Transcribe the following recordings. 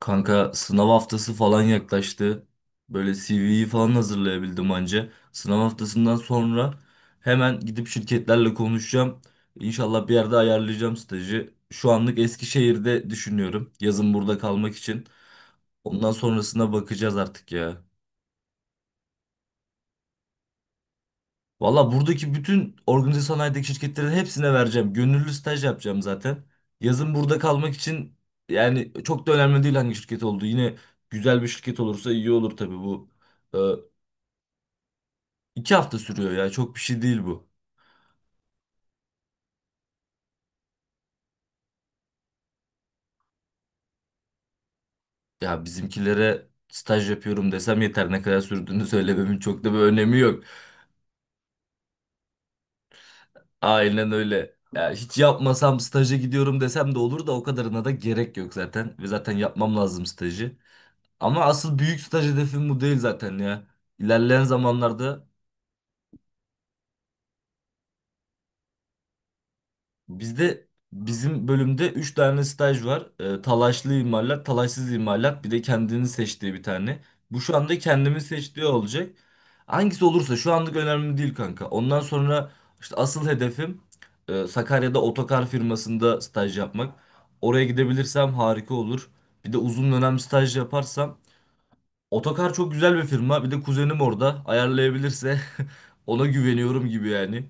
Kanka sınav haftası falan yaklaştı. Böyle CV'yi falan hazırlayabildim anca. Sınav haftasından sonra hemen gidip şirketlerle konuşacağım. İnşallah bir yerde ayarlayacağım stajı. Şu anlık Eskişehir'de düşünüyorum. Yazın burada kalmak için. Ondan sonrasına bakacağız artık ya. Valla buradaki bütün organize sanayideki şirketlerin hepsine vereceğim. Gönüllü staj yapacağım zaten. Yazın burada kalmak için yani çok da önemli değil hangi şirket olduğu. Yine güzel bir şirket olursa iyi olur tabii bu. Ee, iki hafta sürüyor ya çok bir şey değil bu. Ya bizimkilere staj yapıyorum desem yeter, ne kadar sürdüğünü söylememin çok da bir önemi yok. Aynen öyle. Ya hiç yapmasam staja gidiyorum desem de olur da o kadarına da gerek yok zaten. Ve zaten yapmam lazım stajı. Ama asıl büyük staj hedefim bu değil zaten ya. İlerleyen zamanlarda bizim bölümde 3 tane staj var. Talaşlı imalat, talaşsız imalat, bir de kendini seçtiği bir tane. Bu şu anda kendimi seçtiği olacak. Hangisi olursa şu anlık önemli değil kanka. Ondan sonra işte asıl hedefim Sakarya'da otokar firmasında staj yapmak. Oraya gidebilirsem harika olur. Bir de uzun dönem staj yaparsam Otokar çok güzel bir firma. Bir de kuzenim orada. Ayarlayabilirse ona güveniyorum gibi yani.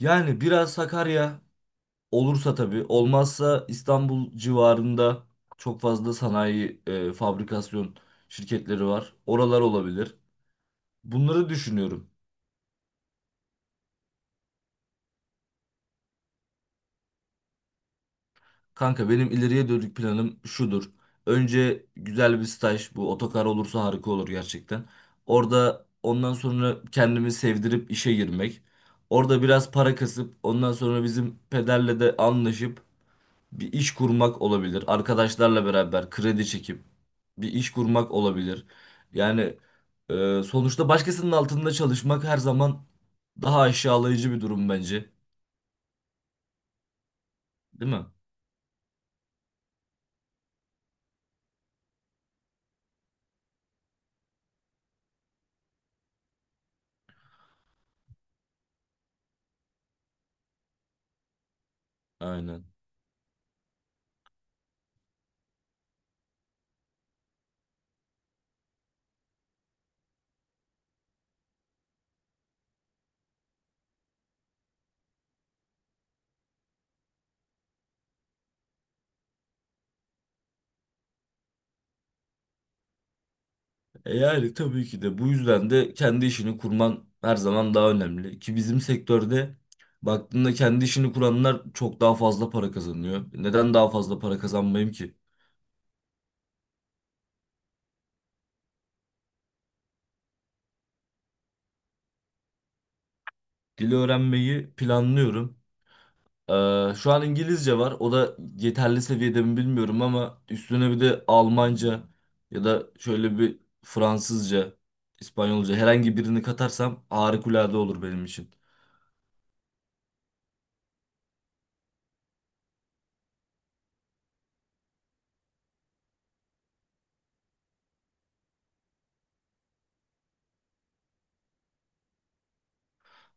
Yani biraz Sakarya olursa tabii. Olmazsa İstanbul civarında çok fazla sanayi, fabrikasyon şirketleri var. Oralar olabilir. Bunları düşünüyorum. Kanka benim ileriye dönük planım şudur. Önce güzel bir staj, bu otokar olursa harika olur gerçekten. Orada ondan sonra kendimi sevdirip işe girmek. Orada biraz para kasıp ondan sonra bizim pederle de anlaşıp bir iş kurmak olabilir. Arkadaşlarla beraber kredi çekip bir iş kurmak olabilir. Yani sonuçta başkasının altında çalışmak her zaman daha aşağılayıcı bir durum bence. Değil mi? Aynen. E yani tabii ki de bu yüzden de kendi işini kurman her zaman daha önemli. Ki bizim sektörde baktığında kendi işini kuranlar çok daha fazla para kazanıyor. Neden daha fazla para kazanmayayım ki? Dili öğrenmeyi planlıyorum. Şu an İngilizce var. O da yeterli seviyede mi bilmiyorum ama üstüne bir de Almanca ya da şöyle bir Fransızca, İspanyolca herhangi birini katarsam harikulade olur benim için.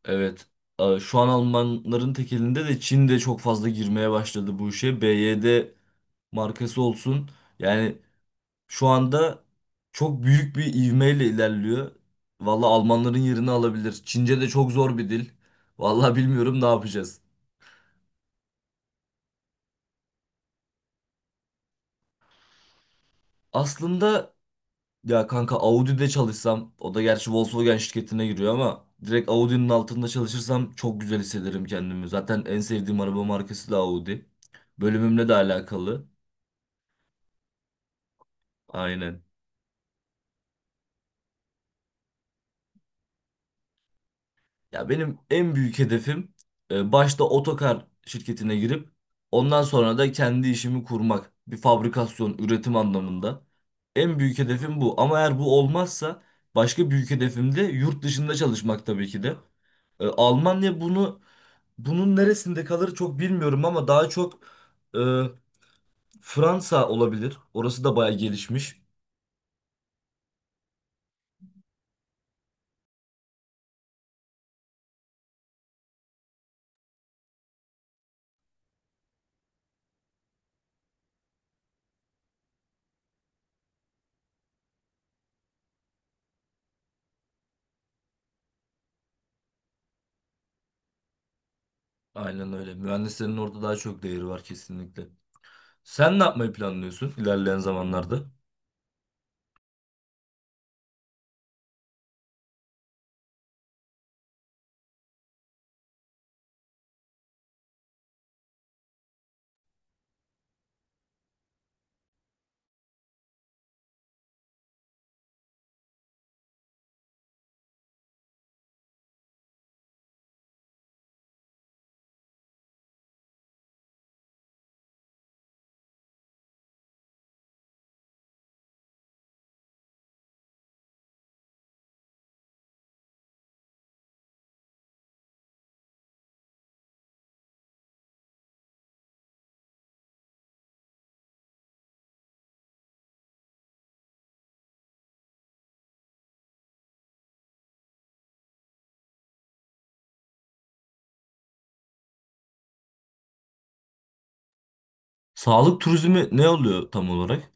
Evet. Şu an Almanların tekelinde de Çin de çok fazla girmeye başladı bu işe. BYD markası olsun. Yani şu anda çok büyük bir ivmeyle ilerliyor. Valla Almanların yerini alabilir. Çince de çok zor bir dil. Valla bilmiyorum ne yapacağız. Aslında ya kanka Audi'de çalışsam, o da gerçi Volkswagen şirketine giriyor ama direkt Audi'nin altında çalışırsam çok güzel hissederim kendimi. Zaten en sevdiğim araba markası da Audi. Bölümümle de alakalı. Aynen. Ya benim en büyük hedefim başta otokar şirketine girip ondan sonra da kendi işimi kurmak. Bir fabrikasyon, üretim anlamında. En büyük hedefim bu. Ama eğer bu olmazsa başka büyük hedefim de yurt dışında çalışmak tabii ki de. Almanya bunun neresinde kalır çok bilmiyorum ama daha çok e, Fransa olabilir. Orası da bayağı gelişmiş. Aynen öyle. Mühendislerin orada daha çok değeri var kesinlikle. Sen ne yapmayı planlıyorsun ilerleyen zamanlarda? Sağlık turizmi ne oluyor tam olarak?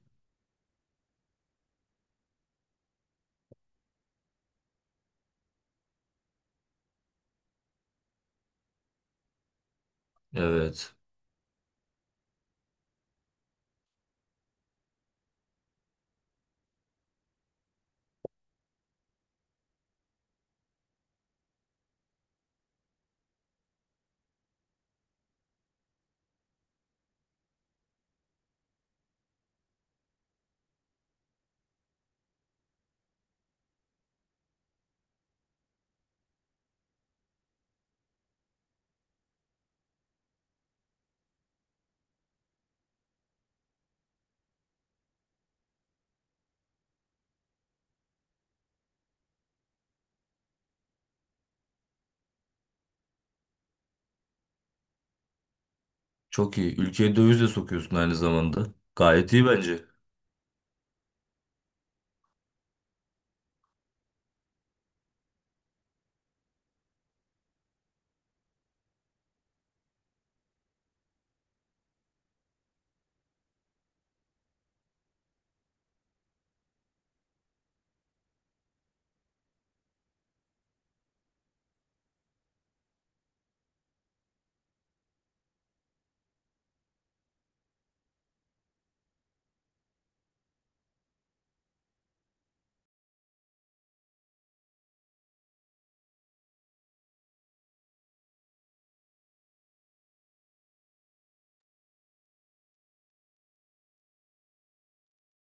Evet. Çok iyi. Ülkeye döviz de sokuyorsun aynı zamanda. Gayet iyi bence.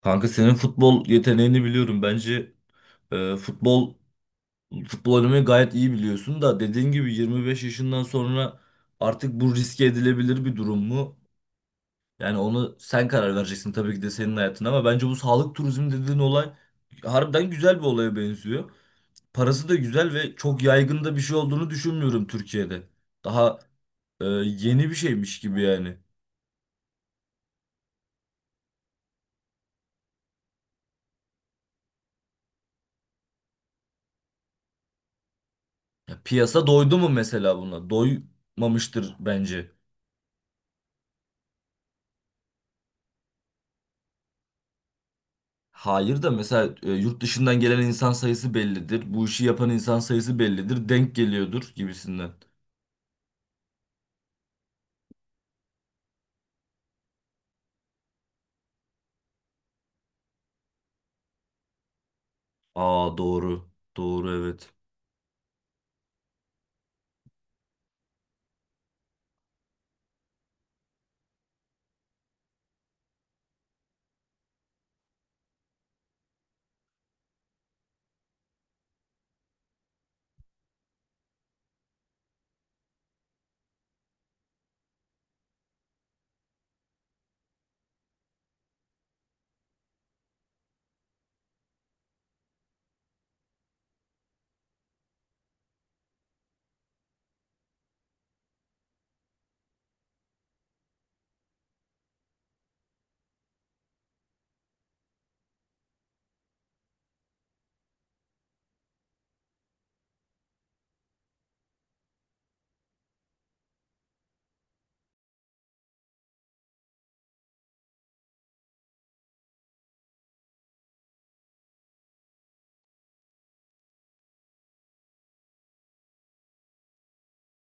Kanka senin futbol yeteneğini biliyorum. Bence e, futbol futbol oynamayı gayet iyi biliyorsun da dediğin gibi 25 yaşından sonra artık bu riske edilebilir bir durum mu? Yani onu sen karar vereceksin tabii ki de, senin hayatın, ama bence bu sağlık turizmi dediğin olay harbiden güzel bir olaya benziyor. Parası da güzel ve çok yaygın da bir şey olduğunu düşünmüyorum Türkiye'de. Daha yeni bir şeymiş gibi yani. Ya piyasa doydu mu mesela buna? Doymamıştır bence. Hayır da mesela yurt dışından gelen insan sayısı bellidir. Bu işi yapan insan sayısı bellidir. Denk geliyordur gibisinden. Aa doğru. Doğru, evet.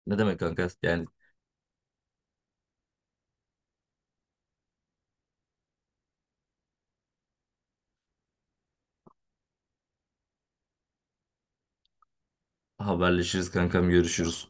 Ne demek kanka? Yani haberleşiriz kankam, görüşürüz.